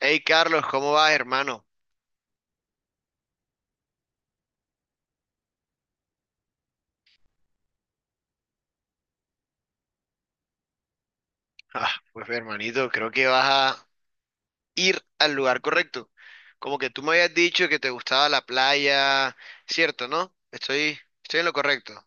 Hey Carlos, ¿cómo vas, hermano? Ah, pues hermanito, creo que vas a ir al lugar correcto. Como que tú me habías dicho que te gustaba la playa, ¿cierto, no? Estoy en lo correcto.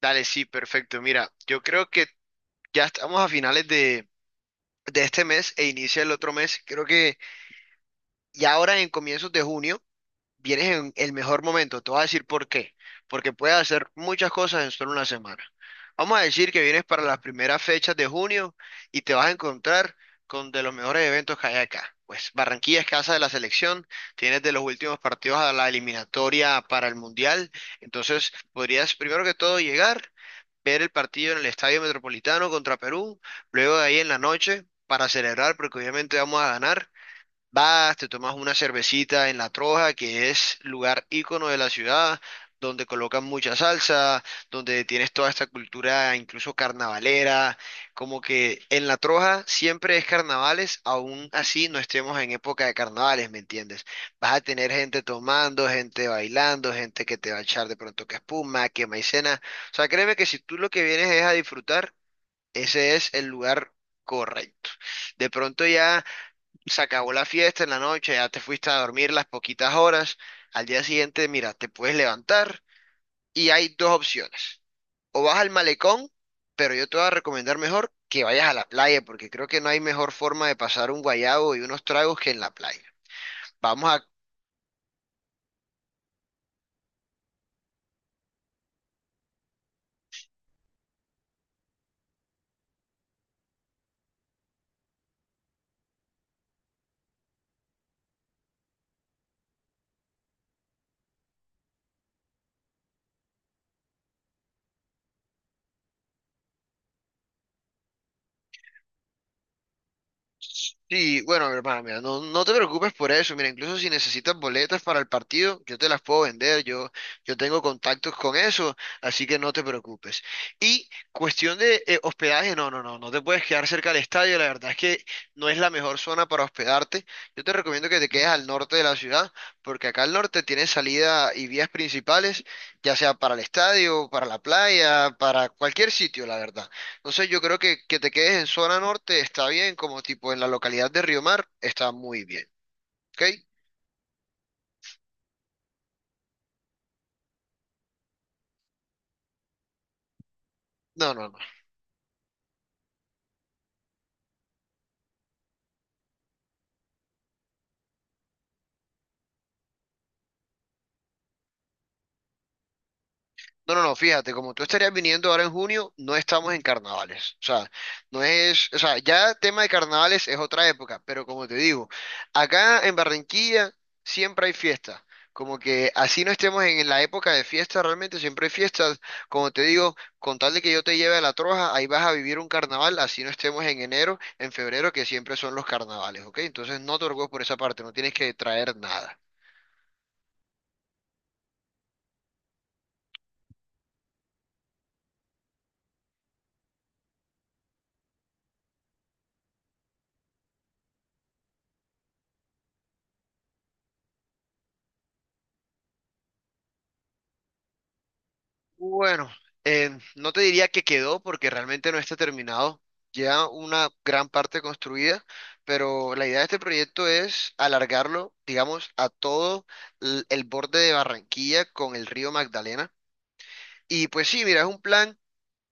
Dale, sí, perfecto. Mira, yo creo que ya estamos a finales de este mes e inicia el otro mes. Creo que ya ahora en comienzos de junio vienes en el mejor momento. Te voy a decir por qué. Porque puedes hacer muchas cosas en solo una semana. Vamos a decir que vienes para las primeras fechas de junio y te vas a encontrar con de los mejores eventos que hay acá. Pues Barranquilla es casa de la selección, tienes de los últimos partidos a la eliminatoria para el Mundial, entonces podrías primero que todo llegar, ver el partido en el Estadio Metropolitano contra Perú, luego de ahí en la noche para celebrar, porque obviamente vamos a ganar. Vas, te tomas una cervecita en La Troja, que es lugar ícono de la ciudad, donde colocan mucha salsa, donde tienes toda esta cultura incluso carnavalera, como que en La Troja siempre es carnavales, aún así no estemos en época de carnavales, ¿me entiendes? Vas a tener gente tomando, gente bailando, gente que te va a echar de pronto que espuma, que maicena. O sea, créeme que si tú lo que vienes es a disfrutar, ese es el lugar correcto. De pronto ya se acabó la fiesta en la noche, ya te fuiste a dormir las poquitas horas, al día siguiente, mira, te puedes levantar y hay dos opciones. O vas al malecón, pero yo te voy a recomendar mejor que vayas a la playa, porque creo que no hay mejor forma de pasar un guayabo y unos tragos que en la playa. Vamos a Sí, bueno, mi hermana, mira, no, no te preocupes por eso. Mira, incluso si necesitas boletas para el partido, yo te las puedo vender. Yo tengo contactos con eso, así que no te preocupes. Y cuestión de hospedaje, no, no, no, no te puedes quedar cerca del estadio. La verdad es que no es la mejor zona para hospedarte. Yo te recomiendo que te quedes al norte de la ciudad, porque acá al norte tienes salida y vías principales, ya sea para el estadio, para la playa, para cualquier sitio, la verdad. Entonces yo creo que te quedes en zona norte está bien, como tipo en la localidad de Río Mar, está muy bien. ¿Ok? No, no, no. No, no, no, fíjate, como tú estarías viniendo ahora en junio, no estamos en carnavales. O sea, no es, o sea, ya tema de carnavales es otra época, pero como te digo, acá en Barranquilla siempre hay fiestas. Como que así no estemos en la época de fiesta, realmente siempre hay fiestas. Como te digo, con tal de que yo te lleve a La Troja, ahí vas a vivir un carnaval, así no estemos en enero, en febrero, que siempre son los carnavales, ¿ok? Entonces no te preocupes por esa parte, no tienes que traer nada. Bueno, eh, no te diría que quedó porque realmente no está terminado. Ya una gran parte construida, pero la idea de este proyecto es alargarlo, digamos, a todo el borde de Barranquilla con el río Magdalena. Y pues sí, mira, es un plan.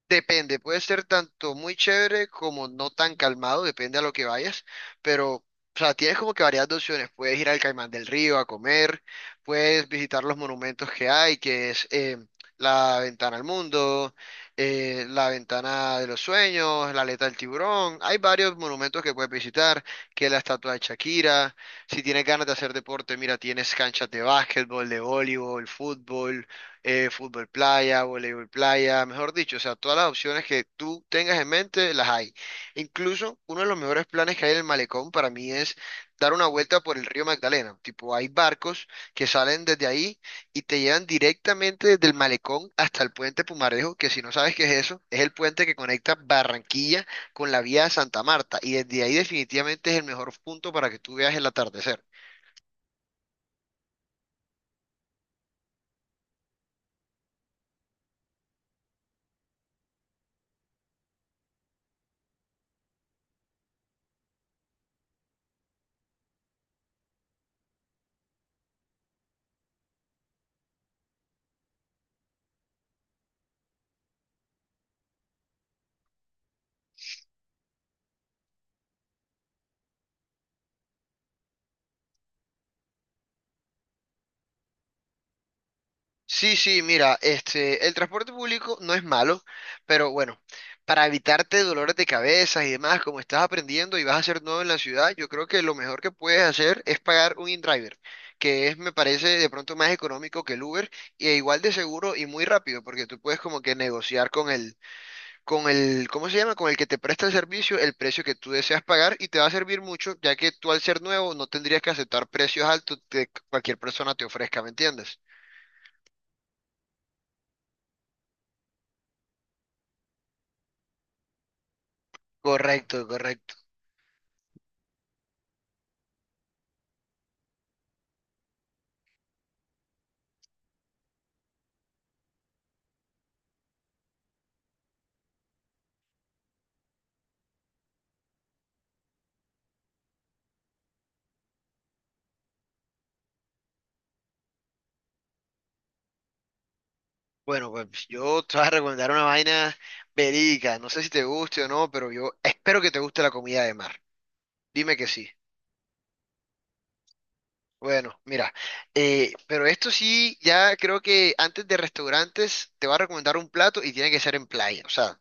Depende, puede ser tanto muy chévere como no tan calmado, depende a lo que vayas, pero, o sea, tienes como que varias opciones, puedes ir al Caimán del Río a comer, puedes visitar los monumentos que hay, que es la ventana al mundo, la ventana de los sueños, la aleta del tiburón, hay varios monumentos que puedes visitar, que es la estatua de Shakira. Si tienes ganas de hacer deporte, mira, tienes canchas de básquetbol, de voleibol, fútbol playa, voleibol playa, mejor dicho, o sea, todas las opciones que tú tengas en mente las hay. Incluso uno de los mejores planes que hay en el malecón para mí es dar una vuelta por el río Magdalena. Tipo, hay barcos que salen desde ahí y te llevan directamente desde el malecón hasta el puente Pumarejo, que si no sabes qué es eso, es el puente que conecta Barranquilla con la vía de Santa Marta, y desde ahí definitivamente es el mejor punto para que tú veas el atardecer. Sí, sí, mira, el transporte público no es malo, pero bueno, para evitarte dolores de cabeza y demás, como estás aprendiendo y vas a ser nuevo en la ciudad, yo creo que lo mejor que puedes hacer es pagar un InDriver, que es, me parece, de pronto más económico que el Uber y e igual de seguro y muy rápido, porque tú puedes como que negociar con el, ¿cómo se llama? Con el que te presta el servicio, el precio que tú deseas pagar, y te va a servir mucho, ya que tú al ser nuevo no tendrías que aceptar precios altos que cualquier persona te ofrezca, ¿me entiendes? Correcto, correcto. Bueno, pues yo te voy a recomendar una vaina verídica. No sé si te guste o no, pero yo espero que te guste la comida de mar. Dime que sí. Bueno, mira, pero esto sí, ya creo que antes de restaurantes te va a recomendar un plato y tiene que ser en playa. O sea,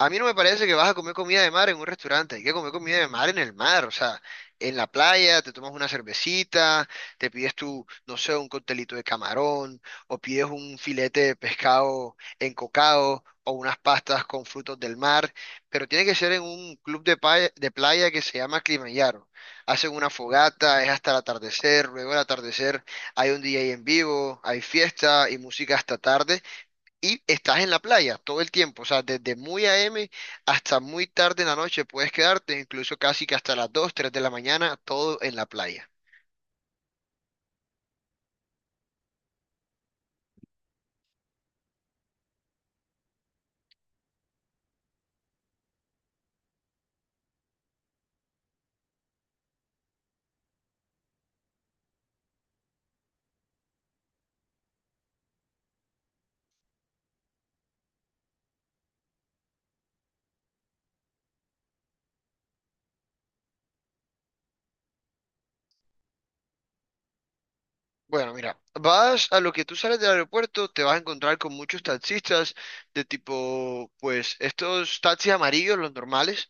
a mí no me parece que vas a comer comida de mar en un restaurante, hay que comer comida de mar en el mar, o sea, en la playa, te tomas una cervecita, te pides tu, no sé, un coctelito de camarón, o pides un filete de pescado encocado, o unas pastas con frutos del mar, pero tiene que ser en un club de playa que se llama Climayaro. Hacen una fogata, es hasta el atardecer, luego del atardecer hay un DJ en vivo, hay fiesta y música hasta tarde y estás en la playa todo el tiempo, o sea, desde muy AM hasta muy tarde en la noche puedes quedarte, incluso casi que hasta las 2 3 de la mañana, todo en la playa. Bueno, mira, vas a lo que tú sales del aeropuerto, te vas a encontrar con muchos taxistas de tipo, pues, estos taxis amarillos, los normales,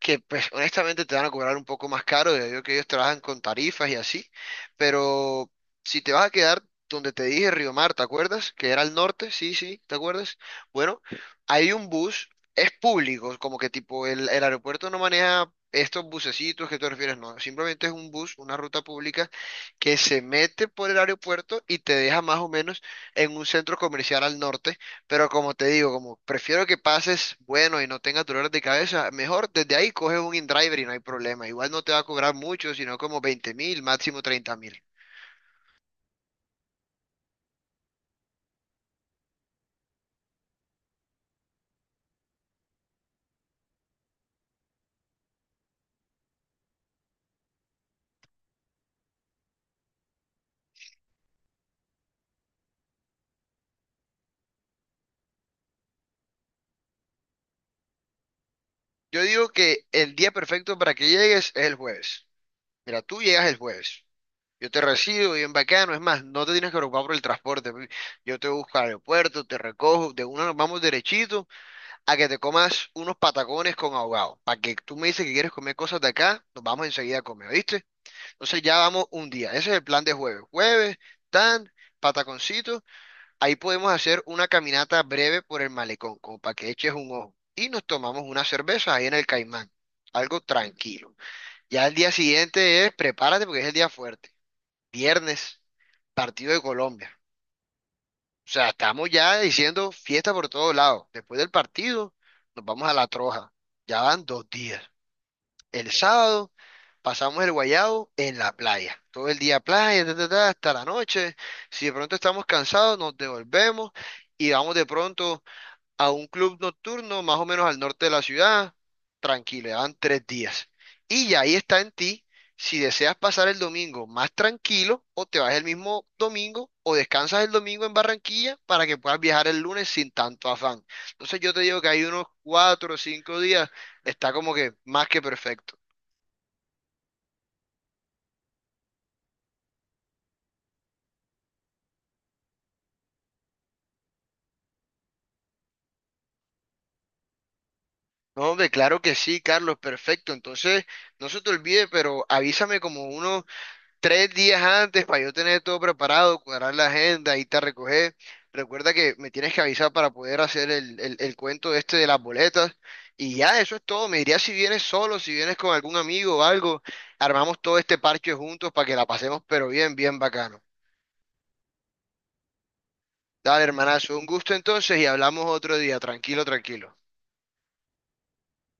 que pues honestamente te van a cobrar un poco más caro, ya digo que ellos trabajan con tarifas y así, pero si te vas a quedar donde te dije Río Mar, ¿te acuerdas? Que era al norte, sí, sí, ¿te acuerdas? Bueno, hay un bus, es público, como que tipo el aeropuerto no maneja estos bucecitos que tú refieres, no, simplemente es un bus, una ruta pública que se mete por el aeropuerto y te deja más o menos en un centro comercial al norte, pero como te digo, como prefiero que pases bueno y no tengas dolores de cabeza, mejor desde ahí coges un InDriver y no hay problema. Igual no te va a cobrar mucho, sino como 20.000, máximo 30.000. Yo digo que el día perfecto para que llegues es el jueves. Mira, tú llegas el jueves. Yo te recibo bien bacano. Es más, no te tienes que preocupar por el transporte. Pi. Yo te busco al aeropuerto, te recojo. De una nos vamos derechito a que te comas unos patacones con ahogado. Para que tú me dices que quieres comer cosas de acá, nos vamos enseguida a comer, ¿viste? Entonces ya vamos un día. Ese es el plan de jueves. Jueves, tan, pataconcito. Ahí podemos hacer una caminata breve por el malecón, como para que eches un ojo. Y nos tomamos una cerveza ahí en el Caimán. Algo tranquilo. Ya el día siguiente es, prepárate porque es el día fuerte. Viernes, partido de Colombia. O sea, estamos ya diciendo fiesta por todos lados. Después del partido, nos vamos a la troja. Ya van 2 días. El sábado pasamos el guayabo en la playa. Todo el día playa, ta, ta, ta, hasta la noche. Si de pronto estamos cansados, nos devolvemos y vamos de pronto a un club nocturno más o menos al norte de la ciudad. Tranquilo, ya van 3 días. Y ya ahí está en ti si deseas pasar el domingo más tranquilo o te vas el mismo domingo o descansas el domingo en Barranquilla para que puedas viajar el lunes sin tanto afán. Entonces yo te digo que hay unos 4 o 5 días, está como que más que perfecto. No, hombre, claro que sí, Carlos, perfecto. Entonces, no se te olvide, pero avísame como unos 3 días antes para yo tener todo preparado, cuadrar la agenda y te recoger. Recuerda que me tienes que avisar para poder hacer el cuento este de las boletas. Y ya, eso es todo. Me dirías si vienes solo, si vienes con algún amigo o algo. Armamos todo este parche juntos para que la pasemos, pero bien, bien bacano. Dale, hermanazo, un gusto entonces y hablamos otro día. Tranquilo, tranquilo.